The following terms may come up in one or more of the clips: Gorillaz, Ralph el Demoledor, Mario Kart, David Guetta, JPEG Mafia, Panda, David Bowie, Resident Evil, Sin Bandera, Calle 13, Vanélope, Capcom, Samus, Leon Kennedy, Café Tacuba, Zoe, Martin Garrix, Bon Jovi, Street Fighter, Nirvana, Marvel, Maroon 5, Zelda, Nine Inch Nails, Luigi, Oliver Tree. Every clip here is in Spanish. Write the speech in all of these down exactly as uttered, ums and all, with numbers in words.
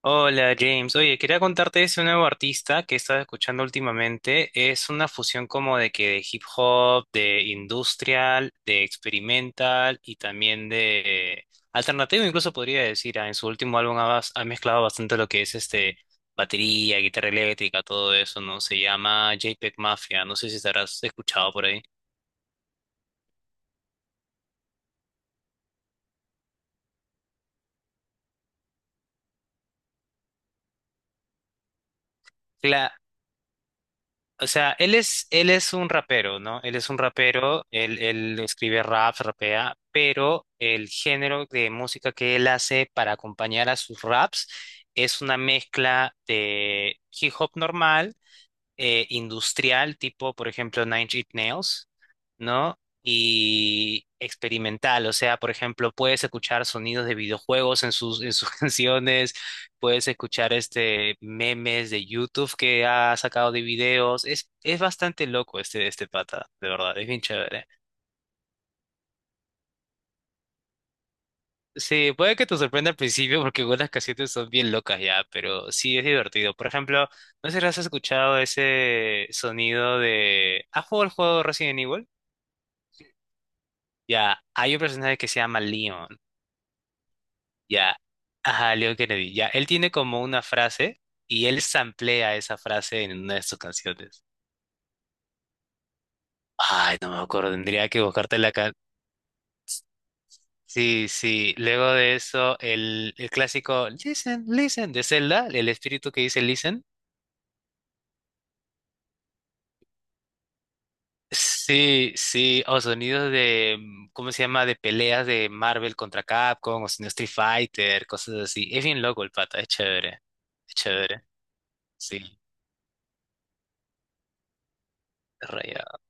Hola James, oye, quería contarte de ese nuevo artista que he estado escuchando últimamente. Es una fusión como de que de hip hop, de industrial, de experimental y también de alternativo, incluso podría decir. ah, En su último álbum ha, bas- ha mezclado bastante lo que es este batería, guitarra eléctrica, todo eso, ¿no? Se llama JPEG Mafia, no sé si estarás escuchado por ahí. O sea, él es, él es un rapero, ¿no? Él es un rapero, él, él escribe rap, rapea, pero el género de música que él hace para acompañar a sus raps es una mezcla de hip hop normal, eh, industrial, tipo, por ejemplo, Nine Inch Nails, ¿no? Y experimental, o sea, por ejemplo, puedes escuchar sonidos de videojuegos en sus, en sus canciones, puedes escuchar este memes de YouTube que ha sacado de videos. Es, es bastante loco este, este pata, de verdad, es bien chévere. Sí, puede que te sorprenda al principio porque algunas canciones son bien locas ya, pero sí es divertido. Por ejemplo, no sé si has escuchado ese sonido de... ¿Has jugado el juego Resident Evil? Ya, hay un personaje que se llama Leon. Ya, ajá, Leon Kennedy. Ya, él tiene como una frase y él samplea esa frase en una de sus canciones. Ay, no me acuerdo, tendría que buscarte la can... Sí, sí. Luego de eso, el, el clásico Listen, Listen de Zelda, el espíritu que dice Listen. Sí, sí, o sonidos de, mm, ¿cómo se llama? De peleas de Marvel contra Capcom, o sonidos Street Fighter, cosas así. Es bien loco el pata, es chévere. Es chévere, sí, rayado.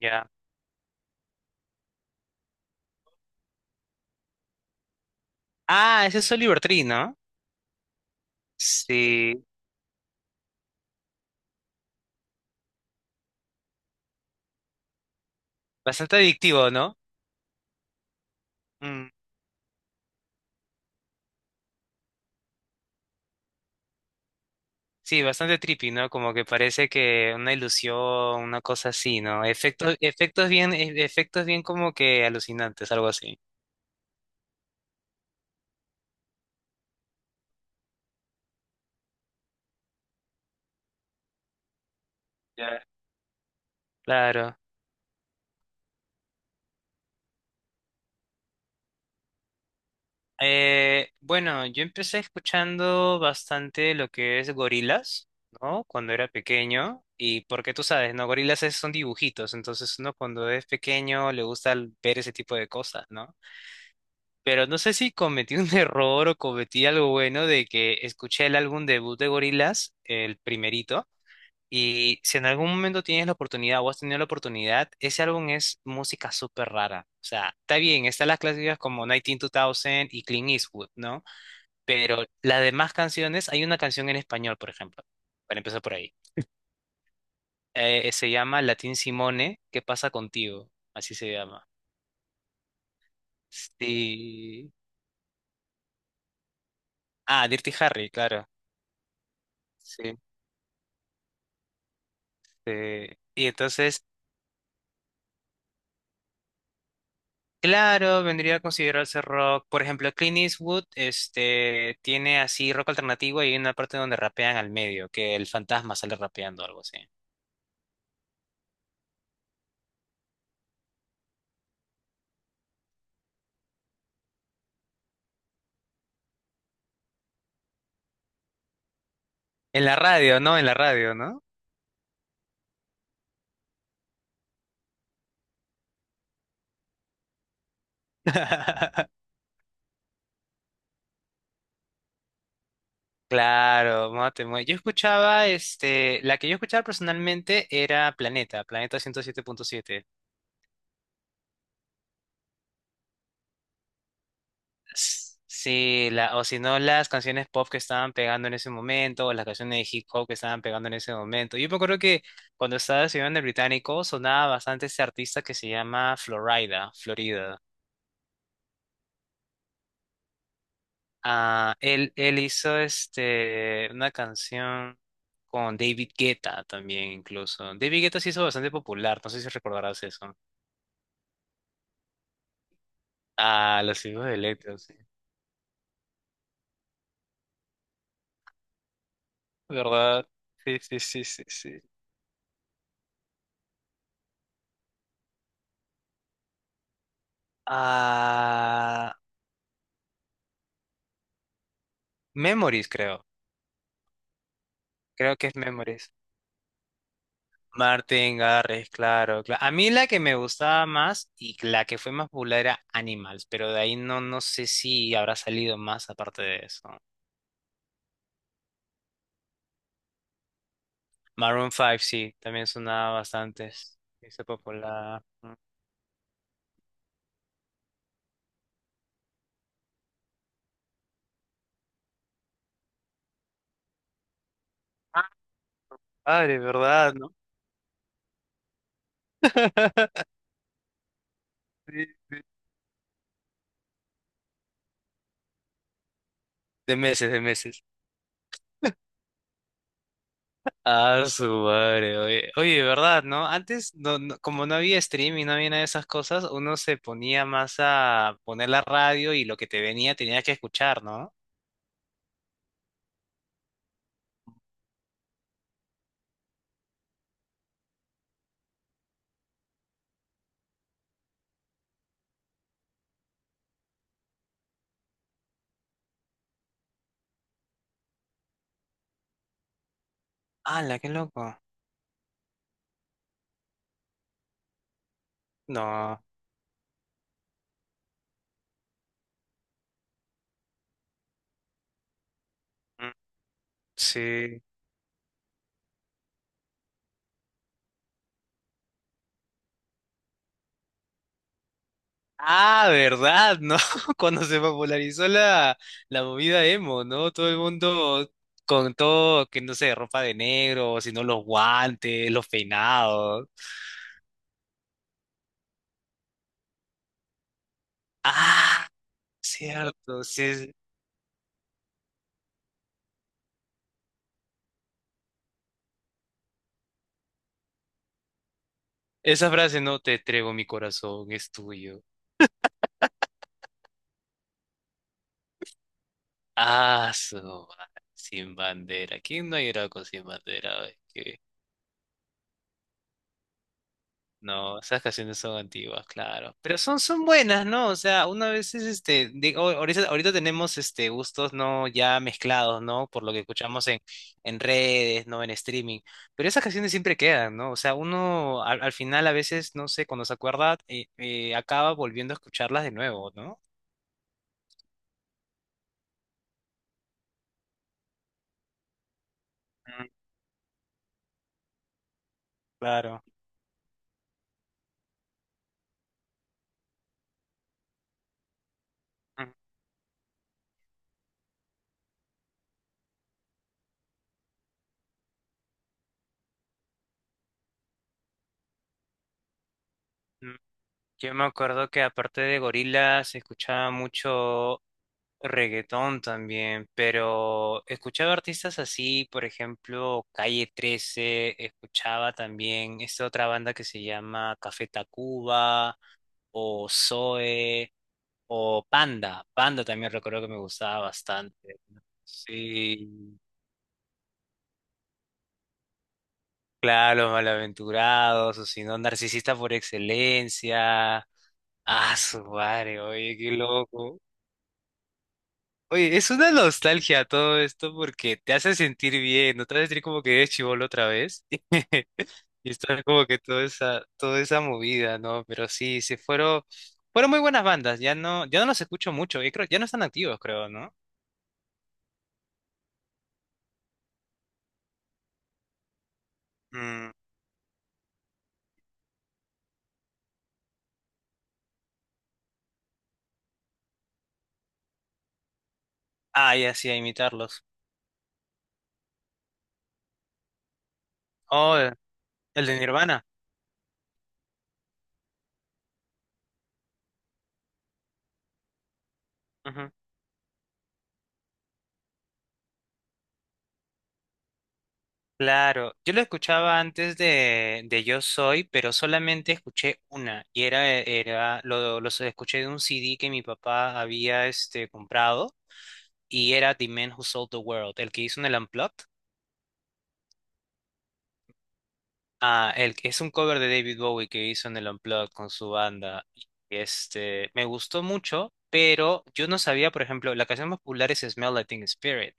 Ya. Ah, ese es Oliver Tree, ¿no? Sí, bastante adictivo, ¿no? Mm, sí, bastante trippy, ¿no? Como que parece que una ilusión, una cosa así, ¿no? Efectos, efectos bien, e- efectos bien como que alucinantes, algo así. Ya. Claro. Eh, bueno, yo empecé escuchando bastante lo que es gorilas, ¿no? Cuando era pequeño. Y porque tú sabes, ¿no? Gorilas es- son dibujitos, entonces uno cuando es pequeño le gusta ver ese tipo de cosas, ¿no? Pero no sé si cometí un error o cometí algo bueno de que escuché el álbum debut de Gorillaz, el primerito, y si en algún momento tienes la oportunidad o has tenido la oportunidad, ese álbum es música súper rara. O sea, está bien, están las clásicas como diecinueve dos mil y Clean Eastwood, ¿no? Pero las demás canciones, hay una canción en español, por ejemplo, para empezar por ahí. Eh, se llama Latín Simone, ¿Qué pasa contigo? Así se llama. Sí. Ah, Dirty Harry, claro. Sí. Este, y entonces, claro, vendría a considerarse rock. Por ejemplo, Clint Eastwood, este, tiene así rock alternativo y hay una parte donde rapean al medio, que el fantasma sale rapeando o algo así. En la radio, ¿no? En la radio, ¿no? Claro, mate, mue- yo escuchaba, este, la que yo escuchaba personalmente era Planeta, Planeta ciento siete punto siete. S- Sí, la, o si no, las canciones pop que estaban pegando en ese momento, o las canciones de hip hop que estaban pegando en ese momento. Yo me acuerdo que cuando estaba estudiando en el británico sonaba bastante este artista que se llama Florida, Florida. Ah, él, él hizo este, una canción con David Guetta también, incluso. David Guetta se hizo bastante popular, no sé si recordarás eso. Ah, los hijos de Electra, sí. ¿Verdad? Sí, sí, sí, sí, sí. Ah, Memories, creo. Creo que es Memories. Martin Garrix, claro, claro. A mí la que me gustaba más y la que fue más popular era Animals, pero de ahí no, no sé si habrá salido más aparte de eso. Maroon cinco, sí, también sonaba bastante. Se hizo popular. Ah, padre, ¿verdad? ¿No? Sí. De meses, de meses. Ah, su madre, oye, oye, ¿verdad? ¿No? Antes, no, no- como no había streaming, no había nada de esas cosas, uno se ponía más a poner la radio y lo que te venía tenías que escuchar, ¿no? ¡Hala, qué loco! No, mm, sí. Ah, ¿verdad? ¿No? Cuando se popularizó la, la movida emo, ¿no? Todo el mundo con todo, que no sé, ropa de negro, sino los guantes, los peinados. Ah, cierto, sí, sí. Esa frase, no te entrego mi corazón, es tuyo. Ah, su madre, sin bandera. ¿Quién no ha llorado con sin bandera? No, esas canciones son antiguas, claro. Pero son, son buenas, ¿no? O sea, una vez es este, digo, ahorita, ahorita tenemos este gustos no ya mezclados, ¿no? Por lo que escuchamos en, en, redes, ¿no? En streaming. Pero esas canciones siempre quedan, ¿no? O sea, uno al, al final a veces, no sé, cuando se acuerda, eh, eh, acaba volviendo a escucharlas de nuevo, ¿no? Mm. Claro. Mm, mm. Yo me acuerdo que aparte de gorilas se escuchaba mucho reggaetón también, pero escuchaba artistas así, por ejemplo, Calle trece escuchaba también esta otra banda que se llama Café Tacuba o Zoe o Panda. Panda también recuerdo que me gustaba bastante. Sí, claro, Los Malaventurados, o si no, Narcisista por excelencia. Ah, su madre, oye, qué loco. Oye, es una nostalgia todo esto porque te hace sentir bien, no te hace sentir como que eres chibolo otra vez. Y está como que toda esa, toda esa movida, ¿no? Pero sí, se fueron, fueron muy buenas bandas, ya no, ya no los escucho mucho, y creo, ya no están activos, creo, ¿no? Mm. Ah, ya sí, a imitarlos. Oh, el de Nirvana. Ujú. Claro, yo lo escuchaba antes de, de Yo Soy, pero solamente escuché una, y era, era, lo, los escuché de un C D que mi papá había este comprado. Y era The Man Who Sold the World, el que hizo en el Unplugged. Ah, el, que- es un cover de David Bowie que hizo en el Unplugged con su banda. Y, este, me gustó mucho, pero yo no sabía, por ejemplo, la canción más popular es Smell Like Teen Spirit,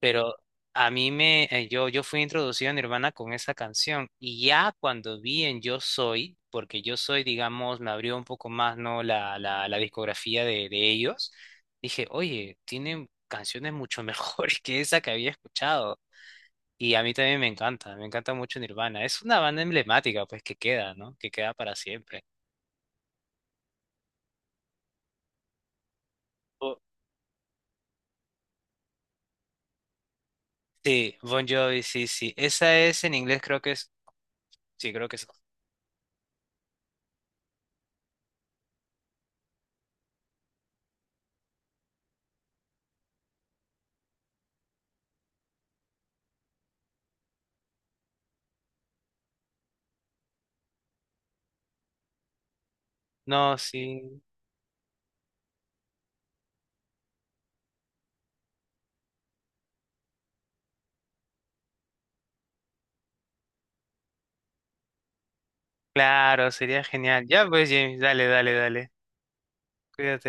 pero a mí me, eh, yo, yo fui introducido a Nirvana con esa canción y ya cuando vi en Yo Soy, porque Yo Soy, digamos, me abrió un poco más, ¿no? La, la, la discografía de, de ellos, dije, oye, tienen canciones mucho mejores que esa que había escuchado. Y a mí también me encanta, me encanta mucho Nirvana. Es una banda emblemática, pues que queda, ¿no? Que queda para siempre. Oh, sí, Bon Jovi, sí, sí. Esa es en inglés, creo que es. Sí, creo que es. No, sí. Claro, sería genial. Ya, pues, James, dale, dale, dale. Cuídate.